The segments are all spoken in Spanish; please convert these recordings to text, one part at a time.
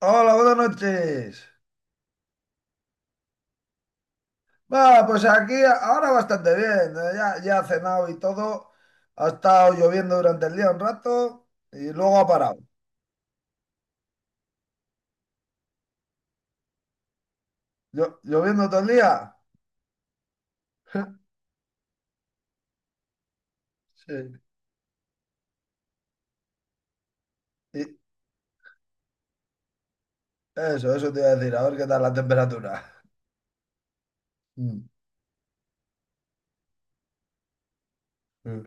Hola, buenas noches. Va, pues aquí ahora bastante bien. Ya he cenado y todo. Ha estado lloviendo durante el día un rato y luego ha parado. Lloviendo todo el día. Sí. Y eso te iba a decir. A ver qué tal la temperatura. Mm, mm.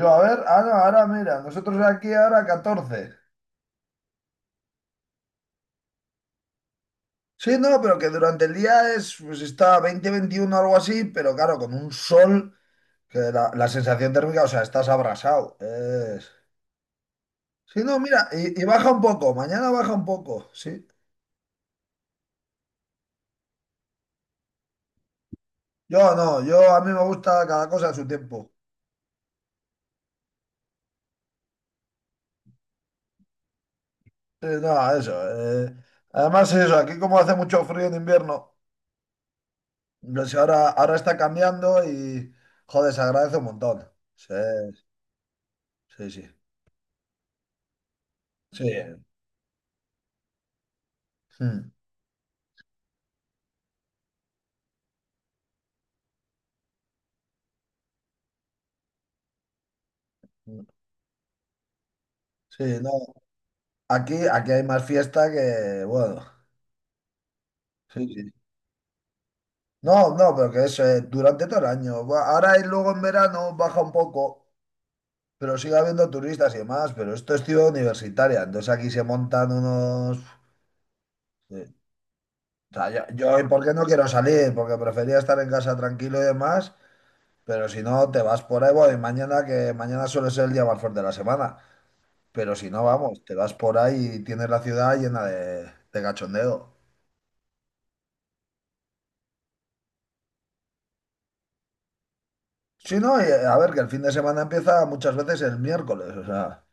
Yo, a ver, ah no, ahora mira, nosotros aquí ahora 14. Sí, no, pero que durante el día es, pues está 20, 21, algo así, pero claro, con un sol, que la sensación térmica, o sea, estás abrasado. Sí, no, mira, y baja un poco, mañana baja un poco, sí. Yo no, yo a mí me gusta cada cosa a su tiempo. Sí, no, eso. eh, Además, eso, aquí como hace mucho frío en invierno, pues ahora está cambiando y, joder, se agradece un montón. Sí, sí, sí. Sí. Mm. Mm. Sí, no, aquí hay más fiesta que, bueno, sí, sí. No, no, pero que es durante todo el año. Bueno, ahora, y luego en verano baja un poco. Pero sigue habiendo turistas y demás, pero esto es ciudad universitaria, entonces aquí se montan unos... eh, O sea, yo, ¿por qué no quiero salir? Porque prefería estar en casa tranquilo y demás, pero si no, te vas por ahí, bueno, y mañana, que mañana suele ser el día más fuerte de la semana, pero si no, vamos, te vas por ahí y tienes la ciudad llena de cachondeo. Sí, no, y, a ver, que el fin de semana empieza muchas veces el miércoles, o sea,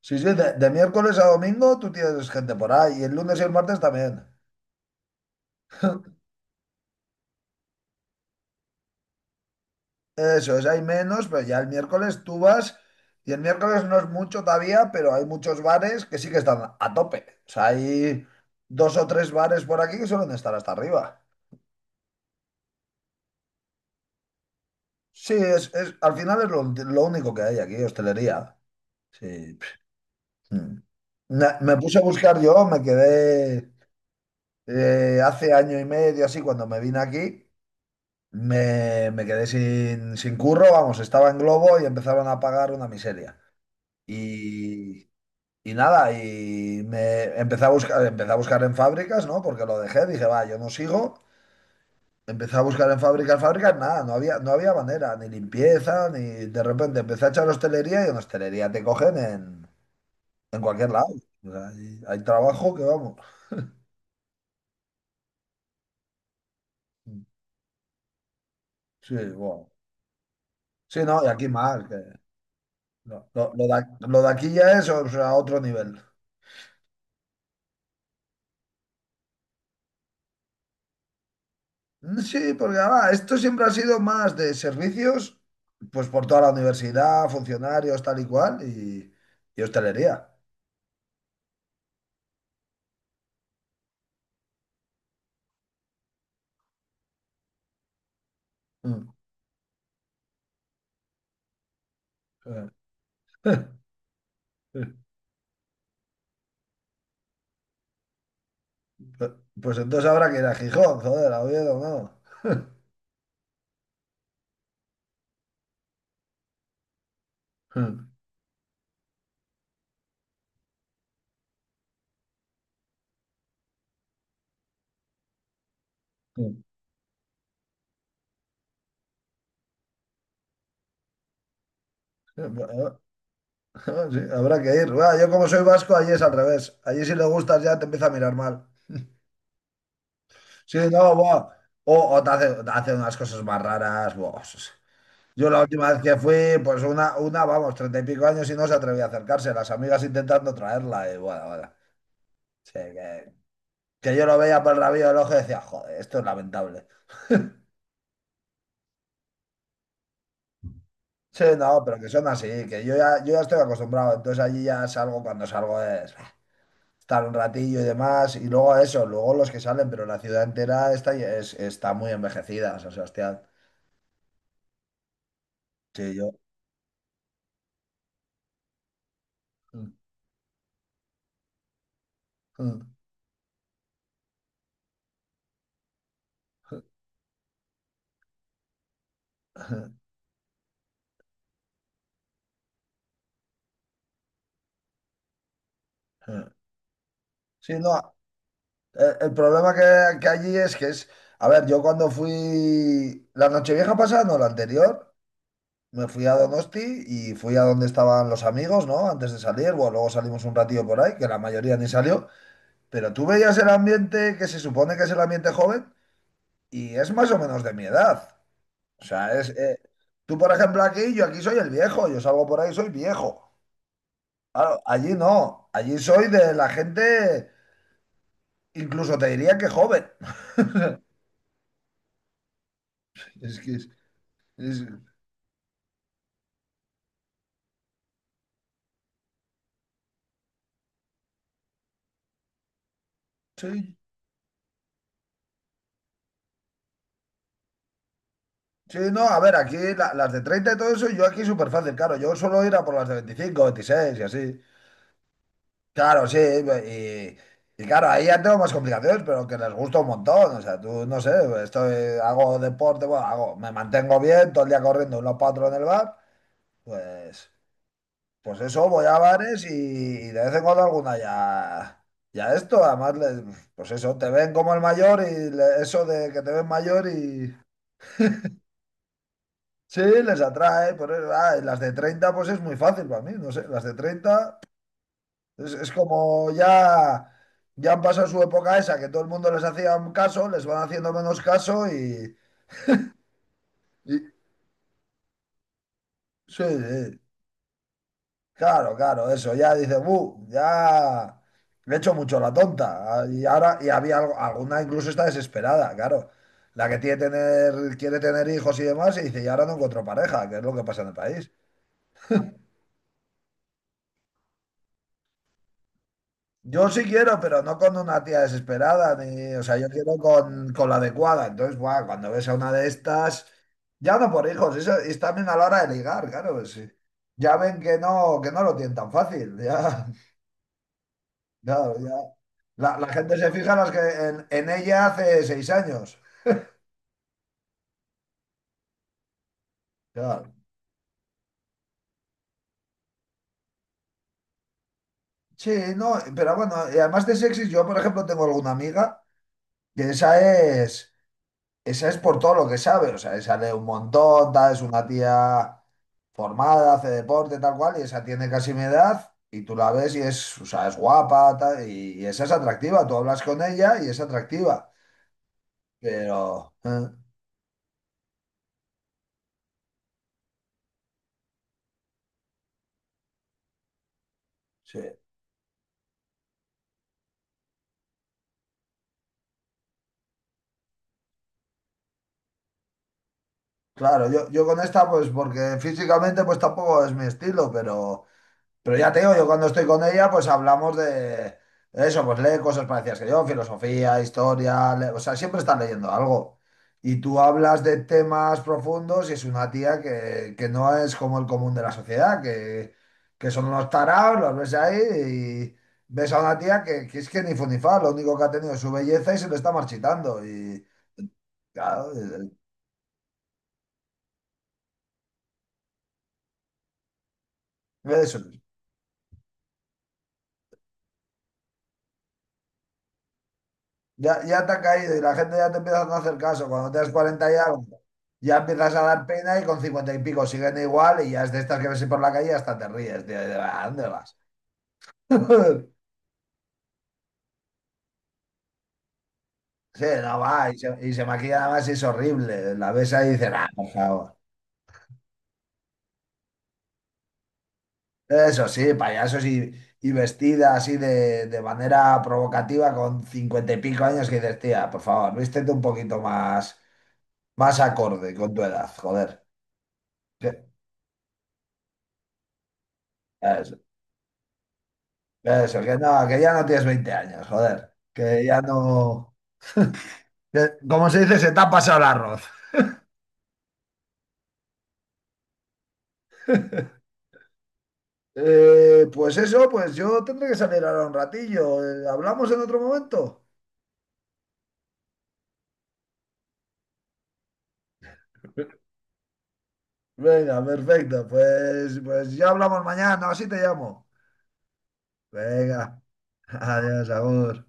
sí, sí, de miércoles a domingo tú tienes gente por ahí, y el lunes y el martes también. Eso es, hay menos, pero ya el miércoles tú vas, y el miércoles no es mucho todavía, pero hay muchos bares que sí que están a tope. O sea, hay dos o tres bares por aquí que suelen estar hasta arriba. Sí, es, al final es lo único que hay aquí, hostelería. Sí. Mm. Me puse a buscar yo, me quedé hace año y medio así cuando me vine aquí, me quedé sin curro, vamos, estaba en Globo y empezaron a pagar una miseria. Y, Y nada, y me empecé a buscar en fábricas, ¿no? Porque lo dejé, dije, va, yo no sigo. Empecé a buscar en fábricas, fábricas, nada, no había manera, ni limpieza, ni de repente empecé a echar hostelería y en hostelería te cogen en cualquier lado. O sea, hay trabajo que vamos. Sí, bueno. Sí, no, y aquí más, que lo de aquí ya es, o sea, otro nivel. Sí, porque además, esto siempre ha sido más de servicios, pues por toda la universidad, funcionarios, tal y cual, y hostelería. Mm. Pues pues entonces habrá que ir a Gijón, joder, a Oviedo, no. Mm. Mm. Bueno. Sí, habrá que ir. Buah, yo como soy vasco, allí es al revés. Allí si le gustas ya te empieza a mirar mal. Sí, no, buah. O te hace, unas cosas más raras. Buah. Yo la última vez que fui, pues una, vamos, 30 y pico años y no se atrevía a acercarse. Las amigas intentando traerla y bueno, bueno. Sí, que yo lo veía por el rabillo del ojo y decía, joder, esto es lamentable. Sí, no, pero que son así, que yo ya estoy acostumbrado. Entonces allí ya salgo, cuando salgo es bah, estar un ratillo y demás. Y luego eso, luego los que salen, pero la ciudad entera está muy envejecida, San Sebastián. Sí, yo. Sí, no. El problema que allí es que es, a ver, yo cuando fui la Nochevieja pasada, no, la anterior, me fui a Donosti y fui a donde estaban los amigos, ¿no? Antes de salir, bueno, luego salimos un ratillo por ahí, que la mayoría ni salió, pero tú veías el ambiente que se supone que es el ambiente joven y es más o menos de mi edad. O sea, es, tú por ejemplo aquí, yo aquí soy el viejo, yo salgo por ahí, soy viejo. Claro, allí no, allí soy de la gente, incluso te diría que joven. Es que es- Sí, sí, no, a ver, aquí las de 30 y todo eso, yo aquí súper fácil, claro, yo suelo ir a por las de 25, 26 y así. Claro, sí, y claro, ahí ya tengo más complicaciones, pero que les gusta un montón, o sea, tú, no sé, estoy, hago deporte, bueno, hago, me mantengo bien, todo el día corriendo unos cuatro en el bar, pues, pues, eso, voy a bares y de vez en cuando alguna ya esto, además, pues eso, te ven como el mayor y eso de que te ven mayor. Sí, les atrae, pero ah, las de 30, pues es muy fácil para mí, no sé, las de 30, es como ya han pasado su época esa, que todo el mundo les hacía un caso, les van haciendo menos caso y, y- sí, sí, claro, claro, eso, ya dice, "Bu, ya he hecho mucho la tonta". Ah, y ahora, y había alguna incluso está desesperada, claro, la que quiere tener hijos y demás y dice, y ahora no encuentro pareja, que es lo que pasa en el país. Yo sí quiero, pero no con una tía desesperada, ni, o sea, yo quiero con la adecuada. Entonces, buah, cuando ves a una de estas, ya no por hijos, eso es también a la hora de ligar, claro, pues sí. Ya ven que no lo tienen tan fácil, ya. Claro, ya. La gente se fija en, las que, en ella hace 6 años. Claro. Sí, no, pero bueno, y además de sexy, yo por ejemplo tengo alguna amiga que esa es por todo lo que sabe, o sea, esa lee un montón, tal, es una tía formada, hace deporte, tal cual, y esa tiene casi mi edad, y tú la ves y es, o sea, es guapa, tal, y esa es atractiva, tú hablas con ella y es atractiva, pero, sí, claro, yo con esta, pues porque físicamente, pues tampoco es mi estilo, pero... Pero ya te digo, yo cuando estoy con ella, pues hablamos de eso, pues lee cosas parecidas que yo, filosofía, historia, o sea, siempre estás leyendo algo. Y tú hablas de temas profundos y es una tía que no es como el común de la sociedad, que son unos tarados, los ves ahí y ves a una tía que es que ni fu ni fa, lo único que ha tenido es su belleza y se le está marchitando. Y claro, eso. Ya te ha caído y la gente ya te empieza a no hacer caso. Cuando tienes 40 y algo, ya empiezas a dar pena y con 50 y pico siguen igual y ya es de estas que ves por la calle y hasta te ríes, tío. ¿A dónde vas? Sí, no va. Y se maquilla nada más y es horrible. La ves ahí y dices, ah, por favor. Eso sí, payasos y vestida así de manera provocativa con 50 y pico años que dices, tía, por favor, vístete un poquito más, más acorde con tu edad, joder. Sí, eso. Eso, que no, que ya no tienes 20 años, joder. Que ya no. Que, como se dice, se te ha pasado el arroz. Pues eso, pues yo tendré que salir ahora un ratillo. ¿Hablamos en otro momento? Venga, perfecto. Pues ya hablamos mañana, así te llamo. Venga, adiós, amor.